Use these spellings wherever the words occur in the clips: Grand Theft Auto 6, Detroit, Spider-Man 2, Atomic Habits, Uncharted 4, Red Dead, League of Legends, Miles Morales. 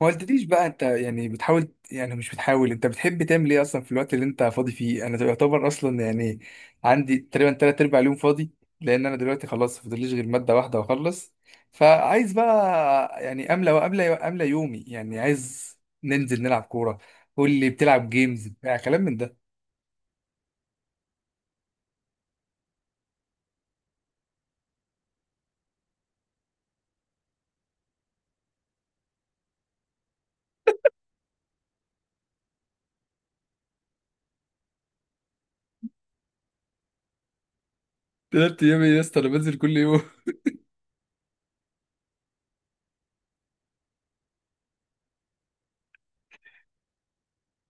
ما قلتليش بقى انت يعني بتحاول مش بتحاول. انت بتحب تعمل ايه اصلا في الوقت اللي انت فاضي فيه؟ انا يعتبر اصلا يعني عندي تقريبا تلات ارباع اليوم فاضي، لان انا دلوقتي خلاص فاضليش غير مادة واحدة واخلص. فعايز بقى يعني املى يومي، يعني عايز ننزل نلعب كورة. قول لي، بتلعب جيمز بتاع كلام من ده؟ تلات ايام إيه يا اسطى؟ انا بنزل كل يوم.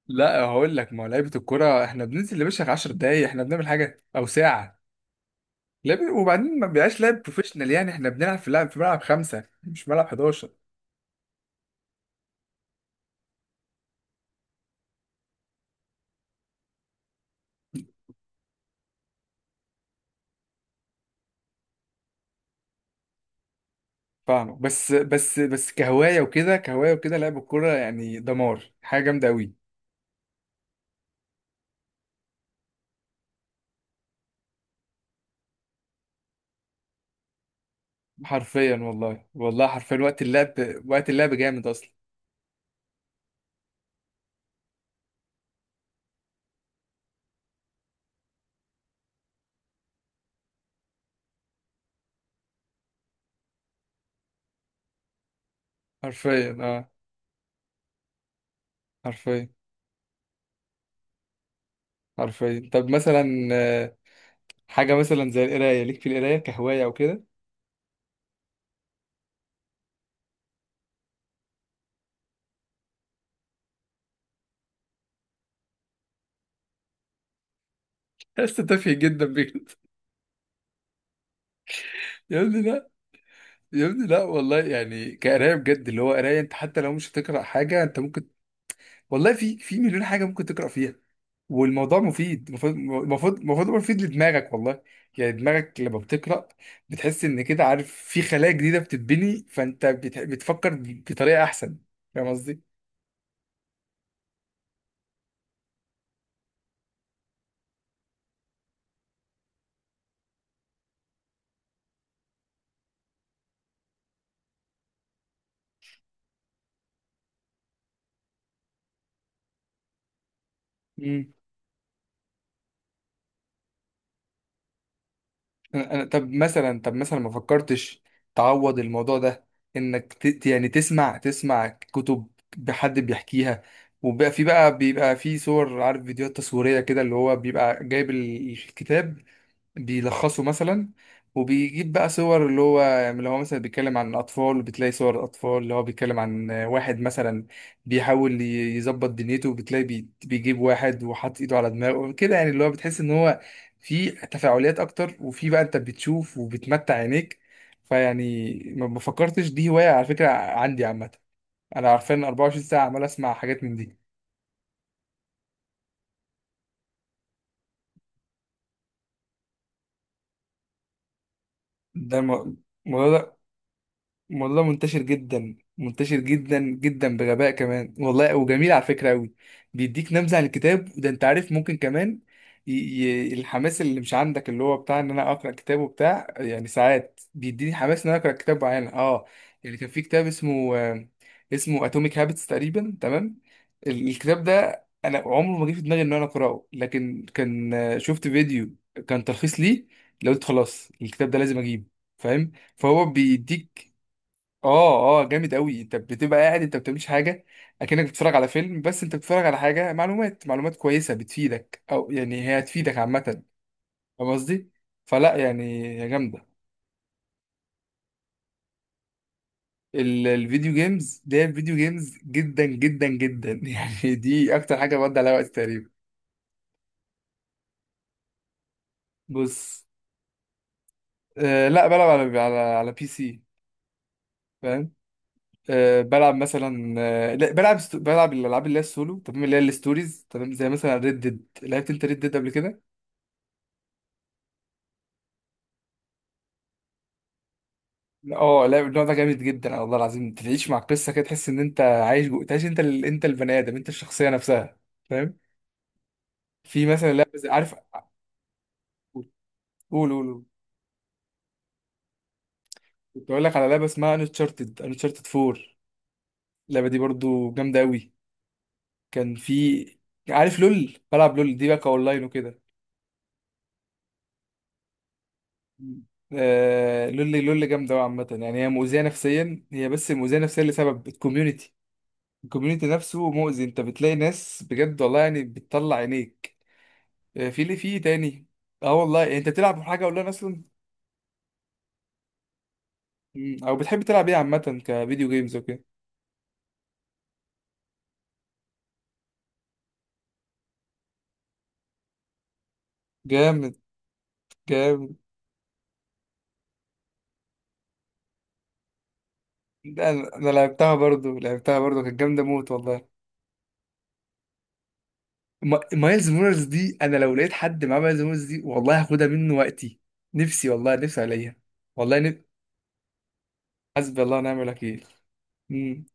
لا هقول لك، ما هو لعيبة الكورة احنا بننزل يا باشا 10 دقايق، احنا بنعمل حاجة او ساعة لعب، وبعدين ما بيبقاش لاعب بروفيشنال. يعني احنا بنلعب في لعب في ملعب خمسة، مش ملعب 11. فاهمه. بس كهواية وكده، كهواية وكده، لعب الكورة يعني دمار، حاجة جامدة أوي. حرفيا والله، والله حرفيا وقت اللعب. وقت اللعب جامد أصلا. حرفيا، اه حرفيا. حرفيا طب مثلا حاجة مثلا زي القراية، ليك في القراية كهواية أو كده؟ يا اسطى تافه جدا بجد. يا ابني لا، يا ابني لا والله. يعني كقراية بجد، اللي هو قراية انت حتى لو مش هتقرأ حاجة انت ممكن، والله في في مليون حاجة ممكن تقرأ فيها. والموضوع مفيد، المفروض يبقى مفيد لدماغك والله. يعني دماغك لما بتقرأ بتحس ان كده، عارف، في خلايا جديدة بتتبني، فانت بتفكر بطريقة احسن. فاهم قصدي؟ مم. أنا طب مثلا، طب مثلا ما فكرتش تعوض الموضوع ده، انك يعني تسمع، تسمع كتب بحد بيحكيها، وبقى في بقى بيبقى في صور، عارف، فيديوهات تصويرية كده، اللي هو بيبقى جايب الكتاب بيلخصه مثلا، وبيجيب بقى صور، اللي هو يعني اللي هو مثلا بيتكلم عن الاطفال وبتلاقي صور الاطفال، اللي هو بيتكلم عن واحد مثلا بيحاول يظبط دنيته وبتلاقي بيجيب واحد وحاطط ايده على دماغه كده، يعني اللي هو بتحس ان هو في تفاعليات اكتر، وفي بقى انت بتشوف وبتمتع عينيك. فيعني ما فكرتش دي هواية؟ على فكرة عندي عامة انا، عارفان 24 ساعة عمال اسمع حاجات من دي. ده الم- الموضوع ده والله منتشر جدا، منتشر جدا جدا، بغباء كمان والله، وجميل على فكرة قوي. بيديك نبذة عن الكتاب وده، انت عارف، ممكن كمان الحماس اللي مش عندك، اللي هو بتاع ان انا اقرا كتاب وبتاع، يعني ساعات بيديني حماس ان انا اقرا كتاب معين. اه يعني كان في كتاب اسمه اسمه اتوميك هابتس تقريبا، تمام؟ الكتاب ده انا عمره ما جه في دماغي ان انا اقراه، لكن كان شفت فيديو كان تلخيص ليه، لقيت خلاص الكتاب ده لازم اجيبه. فاهم. فهو بيديك، اه اه جامد قوي. انت بتبقى قاعد، انت ما بتعملش حاجه، اكنك بتتفرج على فيلم، بس انت بتتفرج على حاجه معلومات، معلومات كويسه بتفيدك، او يعني هي هتفيدك عامه. فاهم قصدي؟ فلا يعني هي جامده. الفيديو جيمز ده الفيديو جيمز جدا جدا جدا. يعني دي اكتر حاجه بقضي عليها وقت تقريبا. بص، لا بلعب على بي سي. فاهم. آه بلعب مثلا، لا بلعب بلعب الالعاب اللي هي السولو، تمام، اللي هي الستوريز، تمام، زي مثلا ريد ديد. لعبت انت ريد ديد قبل كده؟ اه لا النوع ده جامد جدا والله العظيم. تعيش مع القصه كده، تحس ان انت عايش جوه، تعيش انت انت البني ادم، انت الشخصيه نفسها. فاهم؟ في مثلا لعبه عارف، قول قول قول. كنت اقول لك على لعبه اسمها انشارتد، انشارتد 4. اللعبه دي برضو جامده قوي. كان في، عارف لول؟ بلعب لول دي بقى اونلاين وكده. آه لول، لول جامده قوي عامه. يعني هي مؤذيه نفسيا، هي بس مؤذيه نفسيا لسبب الكوميونتي. الكوميونتي نفسه مؤذي، انت بتلاقي ناس بجد والله يعني بتطلع عينيك. في اللي فيه تاني. اه والله، انت بتلعب حاجه اونلاين اصلا؟ او بتحب تلعب ايه عامه كفيديو جيمز وكده؟ جامد، جامد. ده انا لعبتها برضو، لعبتها برضو، كانت جامده موت والله. مايلز مورالز دي، انا لو لقيت حد معاه مايلز مورالز دي والله هاخدها منه وقتي. نفسي والله، نفسي عليها. والله نف... حسبي الله ونعم الوكيل. مم.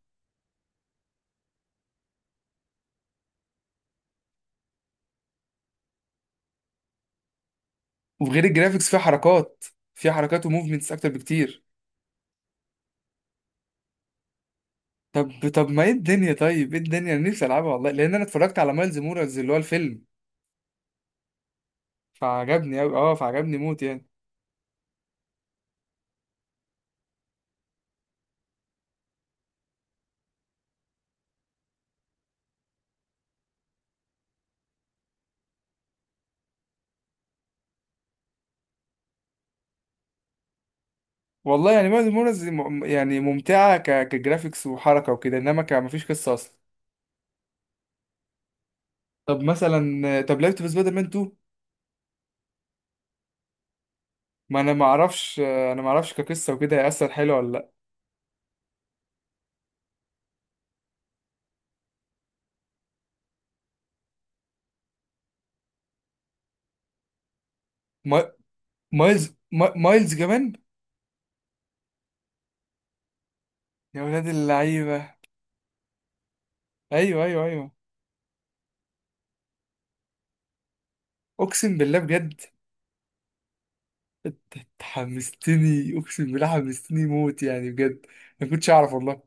وغير الجرافيكس فيها حركات، فيها حركات وموفمنتس اكتر بكتير. طب ما ايه الدنيا، طيب ايه الدنيا، انا نفسي العبها والله، لان انا اتفرجت على مايلز مورالز اللي هو الفيلم فعجبني أوي، اه فعجبني موت يعني. والله يعني ماز مونز يعني ممتعة كجرافيكس وحركة وكده، انما مفيش قصة اصلا. طب مثلا، طب لعبت في سبايدر مان 2؟ ما انا ما اعرفش، انا ما اعرفش كقصة وكده هيأثر حلو ولا لا. ما... مايلز، ما... مايلز كمان. يا ولاد اللعيبة، ايوه ايوه ايوه. اقسم بالله بجد. انت حمستني، اقسم بالله حمستني موت يعني بجد. ما كنتش اعرف والله.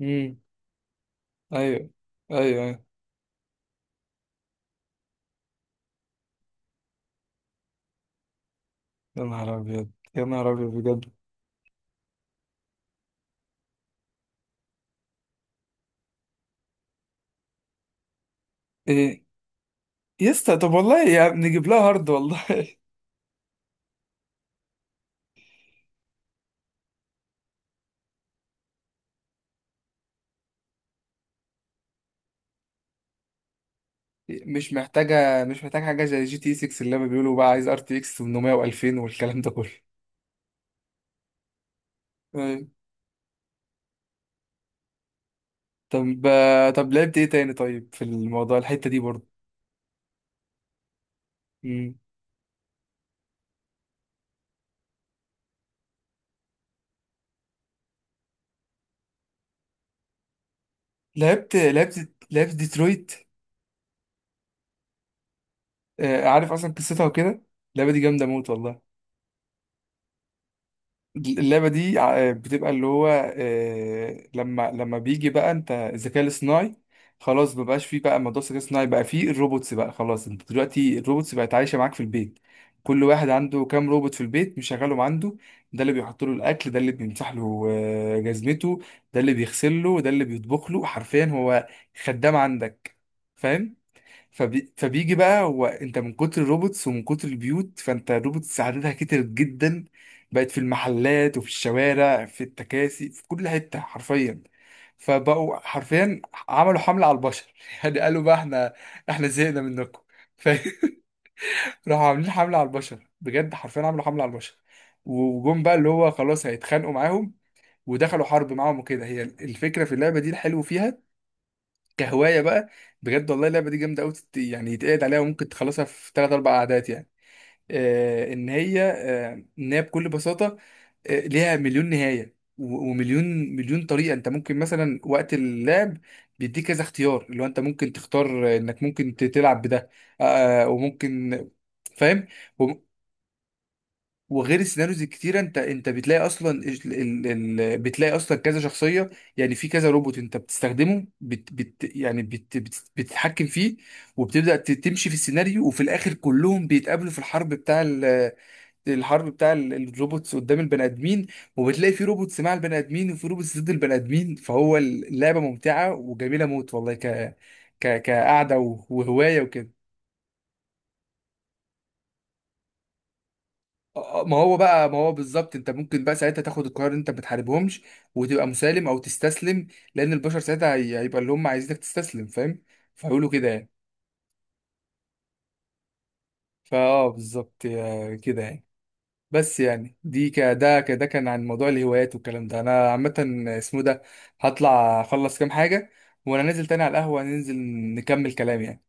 امم. ايوه ايوه ايوه. يا نهار ابيض، يا نهار ابيض بجد. ايه؟ يسطا طب والله يا نجيب لها هارد والله. مش محتاجة، مش محتاجة حاجة زي جي تي 6 اللي هما بيقولوا بقى عايز ار تي اكس 800 و2000 والكلام ده كله. أيوة. طب طب لعبت ايه تاني طيب في الموضوع الحتة دي برضه؟ مم. لعبت، لعبت ديترويت. آه، عارف اصلا قصتها وكده؟ اللعبة دي جامدة موت والله. اللعبة دي بتبقى اللي هو، لما بيجي بقى، انت الذكاء الاصطناعي خلاص مبقاش فيه، بقى موضوع الذكاء الاصطناعي بقى فيه الروبوتس، بقى خلاص انت دلوقتي الروبوتس بقت عايشة معاك في البيت. كل واحد عنده كام روبوت في البيت مشغلهم عنده. ده اللي بيحط له الاكل، ده اللي بيمسح له جزمته، ده اللي بيغسل له، ده اللي بيطبخ له، حرفيا هو خدام عندك، فاهم. فبيجي بقى هو، انت من كتر الروبوتس ومن كتر البيوت، فانت الروبوتس عددها كتر جدا، بقت في المحلات وفي الشوارع، في التكاسي، في كل حتة حرفيا، فبقوا حرفيا عملوا حملة على البشر. يعني قالوا بقى، احنا زهقنا منكم. ف- راحوا عاملين حملة على البشر بجد، حرفيا عملوا حملة على البشر، وجم بقى اللي هو خلاص هيتخانقوا معاهم ودخلوا حرب معاهم وكده. هي الفكرة في اللعبة دي، الحلو فيها كهوايه بقى. بجد والله اللعبه دي جامده قوي يعني، يتقعد عليها وممكن تخلصها في ثلاث اربع قعدات يعني. آه ان هي بكل بساطه، آه ليها مليون نهايه ومليون، مليون طريقه. انت ممكن مثلا وقت اللعب بيديك كذا اختيار، اللي هو انت ممكن تختار انك ممكن تلعب بده، وممكن. فاهم. وغير السيناريوز الكتيره، انت انت بتلاقي اصلا بتلاقي اصلا كذا شخصيه. يعني في كذا روبوت انت بتستخدمه، يعني بتتحكم فيه، وبتبدا تمشي في السيناريو، وفي الاخر كلهم بيتقابلوا في الحرب الحرب بتاع الروبوتس قدام البني ادمين. وبتلاقي في روبوتس مع البني ادمين وفي روبوتس ضد البني ادمين، فهو اللعبه ممتعه وجميله موت والله، ك ك كقعده وهوايه وكده. ما هو بقى، ما هو بالظبط انت ممكن بقى ساعتها تاخد القرار ان انت ما تحاربهمش وتبقى مسالم او تستسلم، لان البشر ساعتها هيبقى اللي هم عايزينك تستسلم، فاهم، فيقولوا كده يعني. فاه بالظبط كده يعني. بس يعني دي ك ده ك ده كان عن موضوع الهوايات والكلام ده انا عامه، اسمه ده، هطلع اخلص كام حاجه وانا نازل تاني على القهوه، ننزل نكمل كلام يعني.